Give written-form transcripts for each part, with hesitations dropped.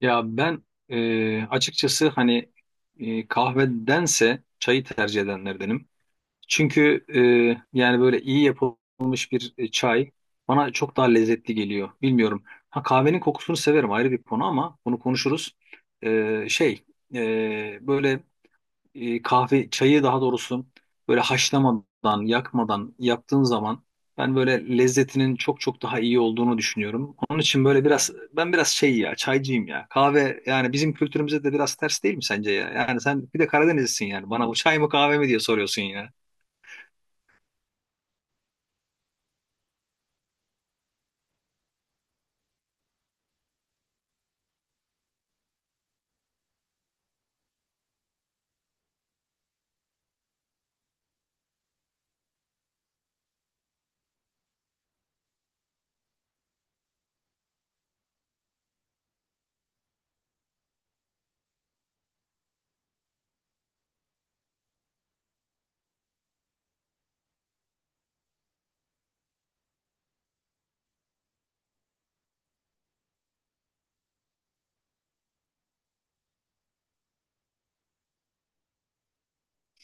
Ya ben açıkçası hani kahvedense çayı tercih edenlerdenim. Çünkü yani böyle iyi yapılmış bir çay bana çok daha lezzetli geliyor. Bilmiyorum. Ha, kahvenin kokusunu severim, ayrı bir konu ama bunu konuşuruz. E, şey e, böyle kahve çayı, daha doğrusu, böyle haşlamadan yakmadan yaptığın zaman ben böyle lezzetinin çok çok daha iyi olduğunu düşünüyorum. Onun için böyle biraz ben biraz şey, ya çaycıyım ya. Kahve, yani bizim kültürümüze de biraz ters değil mi sence ya? Yani sen bir de Karadenizlisin yani. Bana bu çay mı kahve mi diye soruyorsun ya.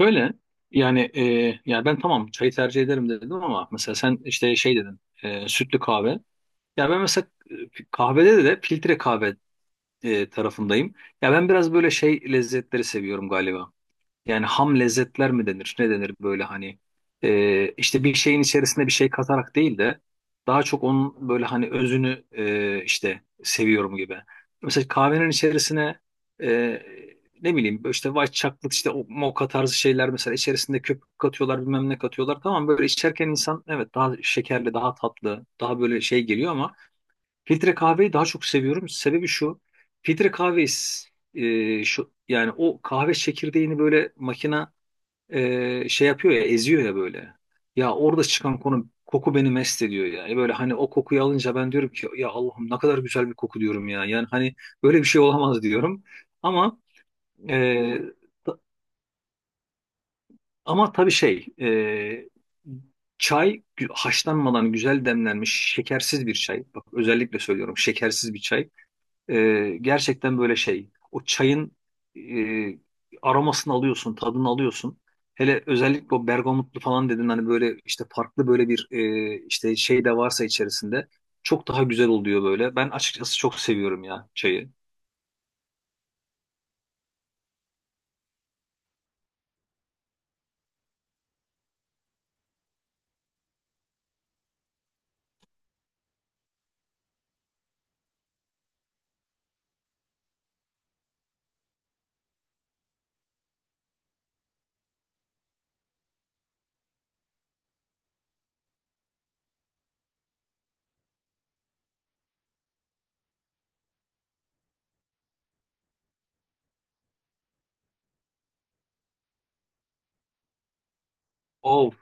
Böyle yani, ya ben tamam çayı tercih ederim dedim ama mesela sen işte şey dedin, sütlü kahve. Ya ben mesela kahvede de filtre kahve tarafındayım. Ya ben biraz böyle şey lezzetleri seviyorum galiba. Yani ham lezzetler mi denir? Ne denir böyle hani, işte bir şeyin içerisinde bir şey katarak değil de daha çok onun böyle, hani, özünü işte seviyorum gibi. Mesela kahvenin içerisine e, ne bileyim işte white chocolate, işte o mocha tarzı şeyler, mesela içerisinde köpük katıyorlar, bilmem ne katıyorlar. Tamam, böyle içerken insan evet daha şekerli daha tatlı daha böyle şey geliyor ama filtre kahveyi daha çok seviyorum. Sebebi şu. Filtre kahve, şu yani, o kahve çekirdeğini böyle makina şey yapıyor ya, eziyor ya böyle. Ya orada çıkan koku beni mest ediyor yani. Böyle hani o kokuyu alınca ben diyorum ki ya, Allah'ım ne kadar güzel bir koku, diyorum ya. Yani hani böyle bir şey olamaz, diyorum. Ama e, ta- ama tabii şey, çay haşlanmadan güzel demlenmiş şekersiz bir çay. Bak, özellikle söylüyorum, şekersiz bir çay. Gerçekten böyle şey. O çayın aromasını alıyorsun, tadını alıyorsun. Hele özellikle o bergamotlu falan dedin hani, böyle işte farklı böyle bir işte şey de varsa içerisinde çok daha güzel oluyor böyle. Ben açıkçası çok seviyorum ya çayı. Of.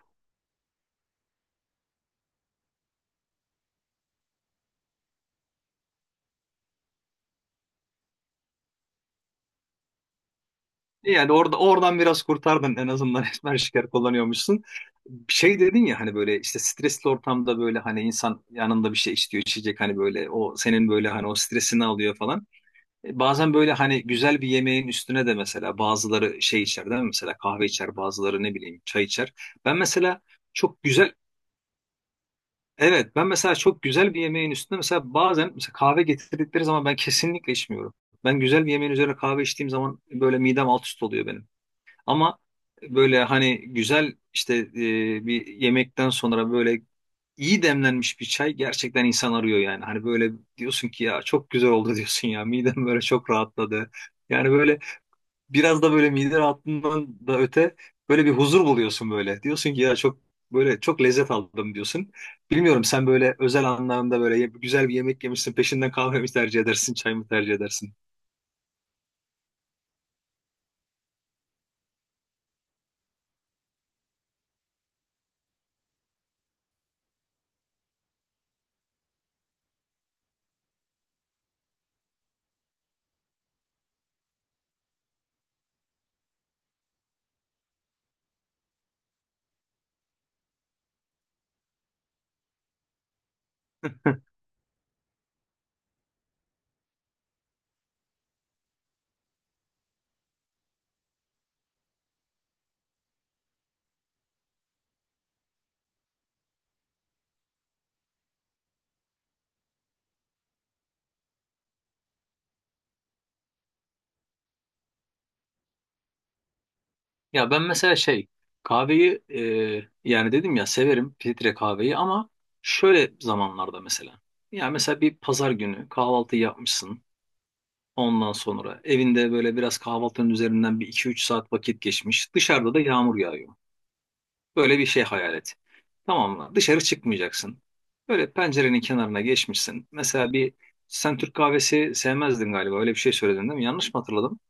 Yani oradan biraz kurtardın en azından esmer şeker kullanıyormuşsun. Şey dedin ya hani, böyle işte stresli ortamda böyle hani insan yanında bir şey istiyor içecek, hani böyle o senin böyle hani o stresini alıyor falan. Bazen böyle hani güzel bir yemeğin üstüne de mesela bazıları şey içer değil mi? Mesela kahve içer, bazıları ne bileyim çay içer. Ben mesela çok güzel, evet, ben mesela çok güzel bir yemeğin üstüne mesela bazen mesela kahve getirdikleri zaman ben kesinlikle içmiyorum. Ben güzel bir yemeğin üzerine kahve içtiğim zaman böyle midem alt üst oluyor benim. Ama böyle hani güzel işte bir yemekten sonra böyle iyi demlenmiş bir çay gerçekten insan arıyor yani. Hani böyle diyorsun ki ya, çok güzel oldu, diyorsun ya, midem böyle çok rahatladı. Yani böyle biraz da böyle mide rahatlığından da öte böyle bir huzur buluyorsun böyle. Diyorsun ki ya, çok böyle çok lezzet aldım, diyorsun. Bilmiyorum, sen böyle özel anlamda böyle güzel bir yemek yemişsin, peşinden kahve mi tercih edersin çay mı tercih edersin? Ya ben mesela şey, kahveyi yani dedim ya, severim filtre kahveyi, ama şöyle zamanlarda mesela. Ya mesela bir pazar günü kahvaltı yapmışsın. Ondan sonra evinde böyle biraz kahvaltının üzerinden bir iki üç saat vakit geçmiş. Dışarıda da yağmur yağıyor. Böyle bir şey hayal et. Tamam mı? Dışarı çıkmayacaksın. Böyle pencerenin kenarına geçmişsin. Mesela bir, sen Türk kahvesi sevmezdin galiba. Öyle bir şey söyledin değil mi? Yanlış mı hatırladım?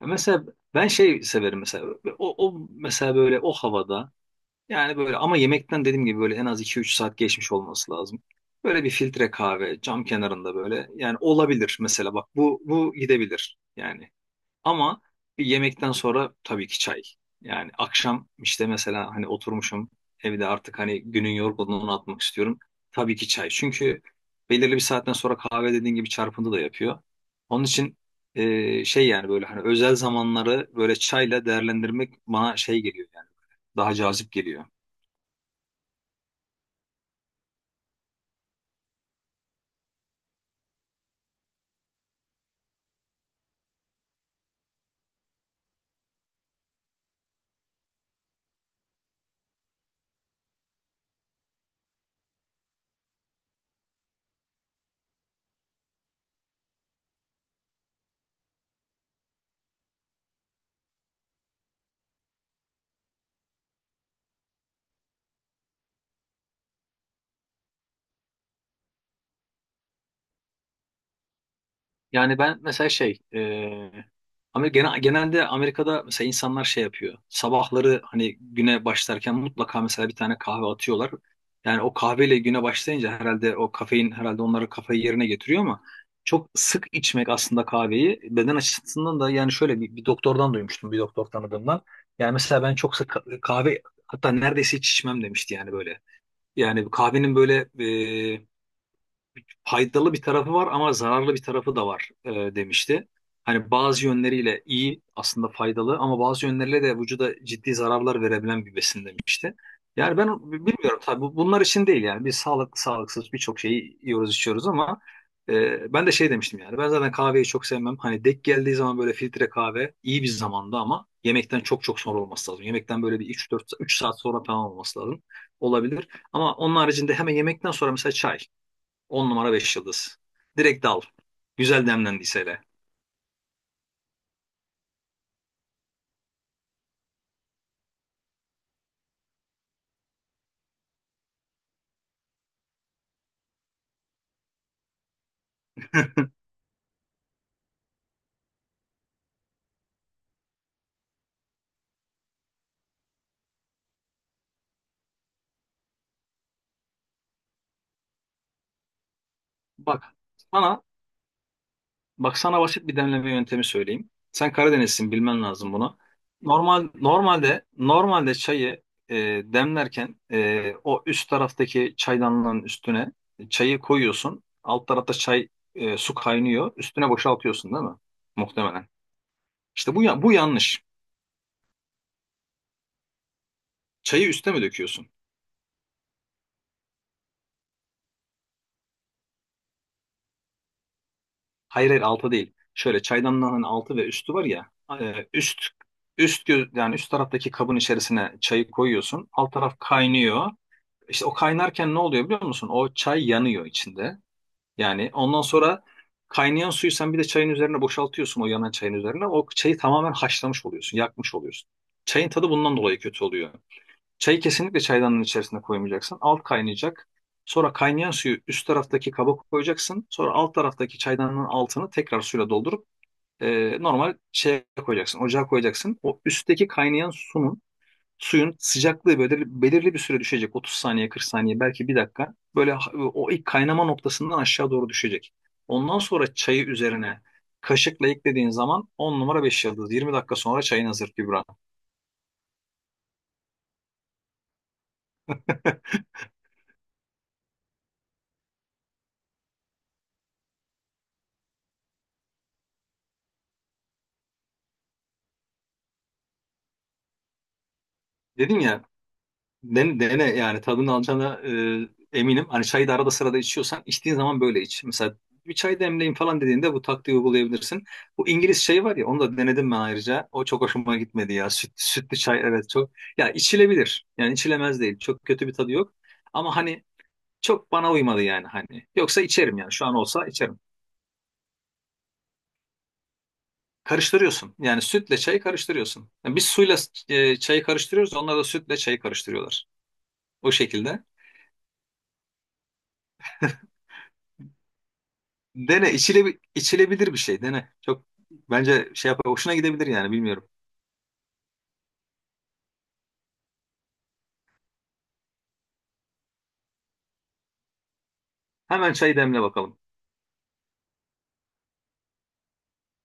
Mesela ben şey severim mesela. O mesela böyle o havada, yani böyle, ama yemekten dediğim gibi böyle en az iki üç saat geçmiş olması lazım. Böyle bir filtre kahve cam kenarında böyle, yani, olabilir mesela, bak bu gidebilir yani. Ama bir yemekten sonra tabii ki çay. Yani akşam işte mesela hani oturmuşum evde, artık hani günün yorgunluğunu atmak istiyorum. Tabii ki çay. Çünkü belirli bir saatten sonra kahve, dediğin gibi, çarpıntı da yapıyor. Onun için şey, yani böyle hani özel zamanları böyle çayla değerlendirmek bana şey geliyor yani. Daha cazip geliyor. Yani ben mesela şey, ama genelde Amerika'da mesela insanlar şey yapıyor. Sabahları hani güne başlarken mutlaka mesela bir tane kahve atıyorlar. Yani o kahveyle güne başlayınca herhalde o kafein herhalde onları kafayı yerine getiriyor ama çok sık içmek aslında kahveyi beden açısından da, yani şöyle, bir doktordan duymuştum, bir doktor tanıdığımdan. Yani mesela ben çok sık kahve, hatta neredeyse hiç içmem demişti yani böyle. Yani kahvenin böyle faydalı bir tarafı var ama zararlı bir tarafı da var, demişti. Hani bazı yönleriyle iyi aslında, faydalı, ama bazı yönleriyle de vücuda ciddi zararlar verebilen bir besin demişti. Yani ben bilmiyorum tabii, bunlar için değil yani, biz sağlıklı sağlıksız birçok şeyi yiyoruz içiyoruz ama ben de şey demiştim yani, ben zaten kahveyi çok sevmem. Hani dek geldiği zaman böyle filtre kahve iyi bir zamanda, ama yemekten çok çok sonra olması lazım. Yemekten böyle bir üç dört üç saat sonra falan olması lazım. Olabilir. Ama onun haricinde hemen yemekten sonra mesela çay. 10 numara 5 yıldız. Direkt al. Güzel demlendiyse hele. Bak sana, bak sana basit bir demleme yöntemi söyleyeyim. Sen Karadenizsin, bilmen lazım bunu. Normalde çayı e, demlerken, o üst taraftaki çaydanlığın üstüne çayı koyuyorsun. Alt tarafta su kaynıyor. Üstüne boşaltıyorsun değil mi? Muhtemelen. İşte bu, bu yanlış. Çayı üste mi döküyorsun? Hayır, hayır, altı değil. Şöyle, çaydanlığın hani altı ve üstü var ya. e, üst yani üst taraftaki kabın içerisine çayı koyuyorsun. Alt taraf kaynıyor. İşte o kaynarken ne oluyor biliyor musun? O çay yanıyor içinde. Yani ondan sonra kaynayan suyu sen bir de çayın üzerine boşaltıyorsun, o yanan çayın üzerine. O çayı tamamen haşlamış oluyorsun, yakmış oluyorsun. Çayın tadı bundan dolayı kötü oluyor. Çayı kesinlikle çaydanın içerisine koymayacaksın. Alt kaynayacak. Sonra kaynayan suyu üst taraftaki kaba koyacaksın. Sonra alt taraftaki çaydanın altını tekrar suyla doldurup normal şeye koyacaksın. Ocağa koyacaksın. O üstteki kaynayan suyun sıcaklığı belirli bir süre düşecek. 30 saniye, 40 saniye, belki bir dakika. Böyle o ilk kaynama noktasından aşağı doğru düşecek. Ondan sonra çayı üzerine kaşıkla eklediğin zaman 10 numara 5 yıldız. 20 dakika sonra çayın hazır Kübra. Dedim ya, dene, dene, yani tadını alacağına eminim. Hani çayı da arada sırada içiyorsan içtiğin zaman böyle iç. Mesela bir çay demleyin falan dediğinde bu taktiği uygulayabilirsin. Bu İngiliz çayı var ya, onu da denedim ben ayrıca. O çok hoşuma gitmedi ya. Sütlü çay, evet, çok. Ya içilebilir. Yani içilemez değil. Çok kötü bir tadı yok. Ama hani çok bana uymadı yani, hani. Yoksa içerim yani, şu an olsa içerim. Karıştırıyorsun. Yani sütle çayı karıştırıyorsun. Yani biz suyla çayı karıştırıyoruz. Onlar da sütle çayı karıştırıyorlar. O şekilde. Dene, içilebilir bir şey dene. Çok bence şey yapar, hoşuna gidebilir yani, bilmiyorum. Hemen çay demle bakalım.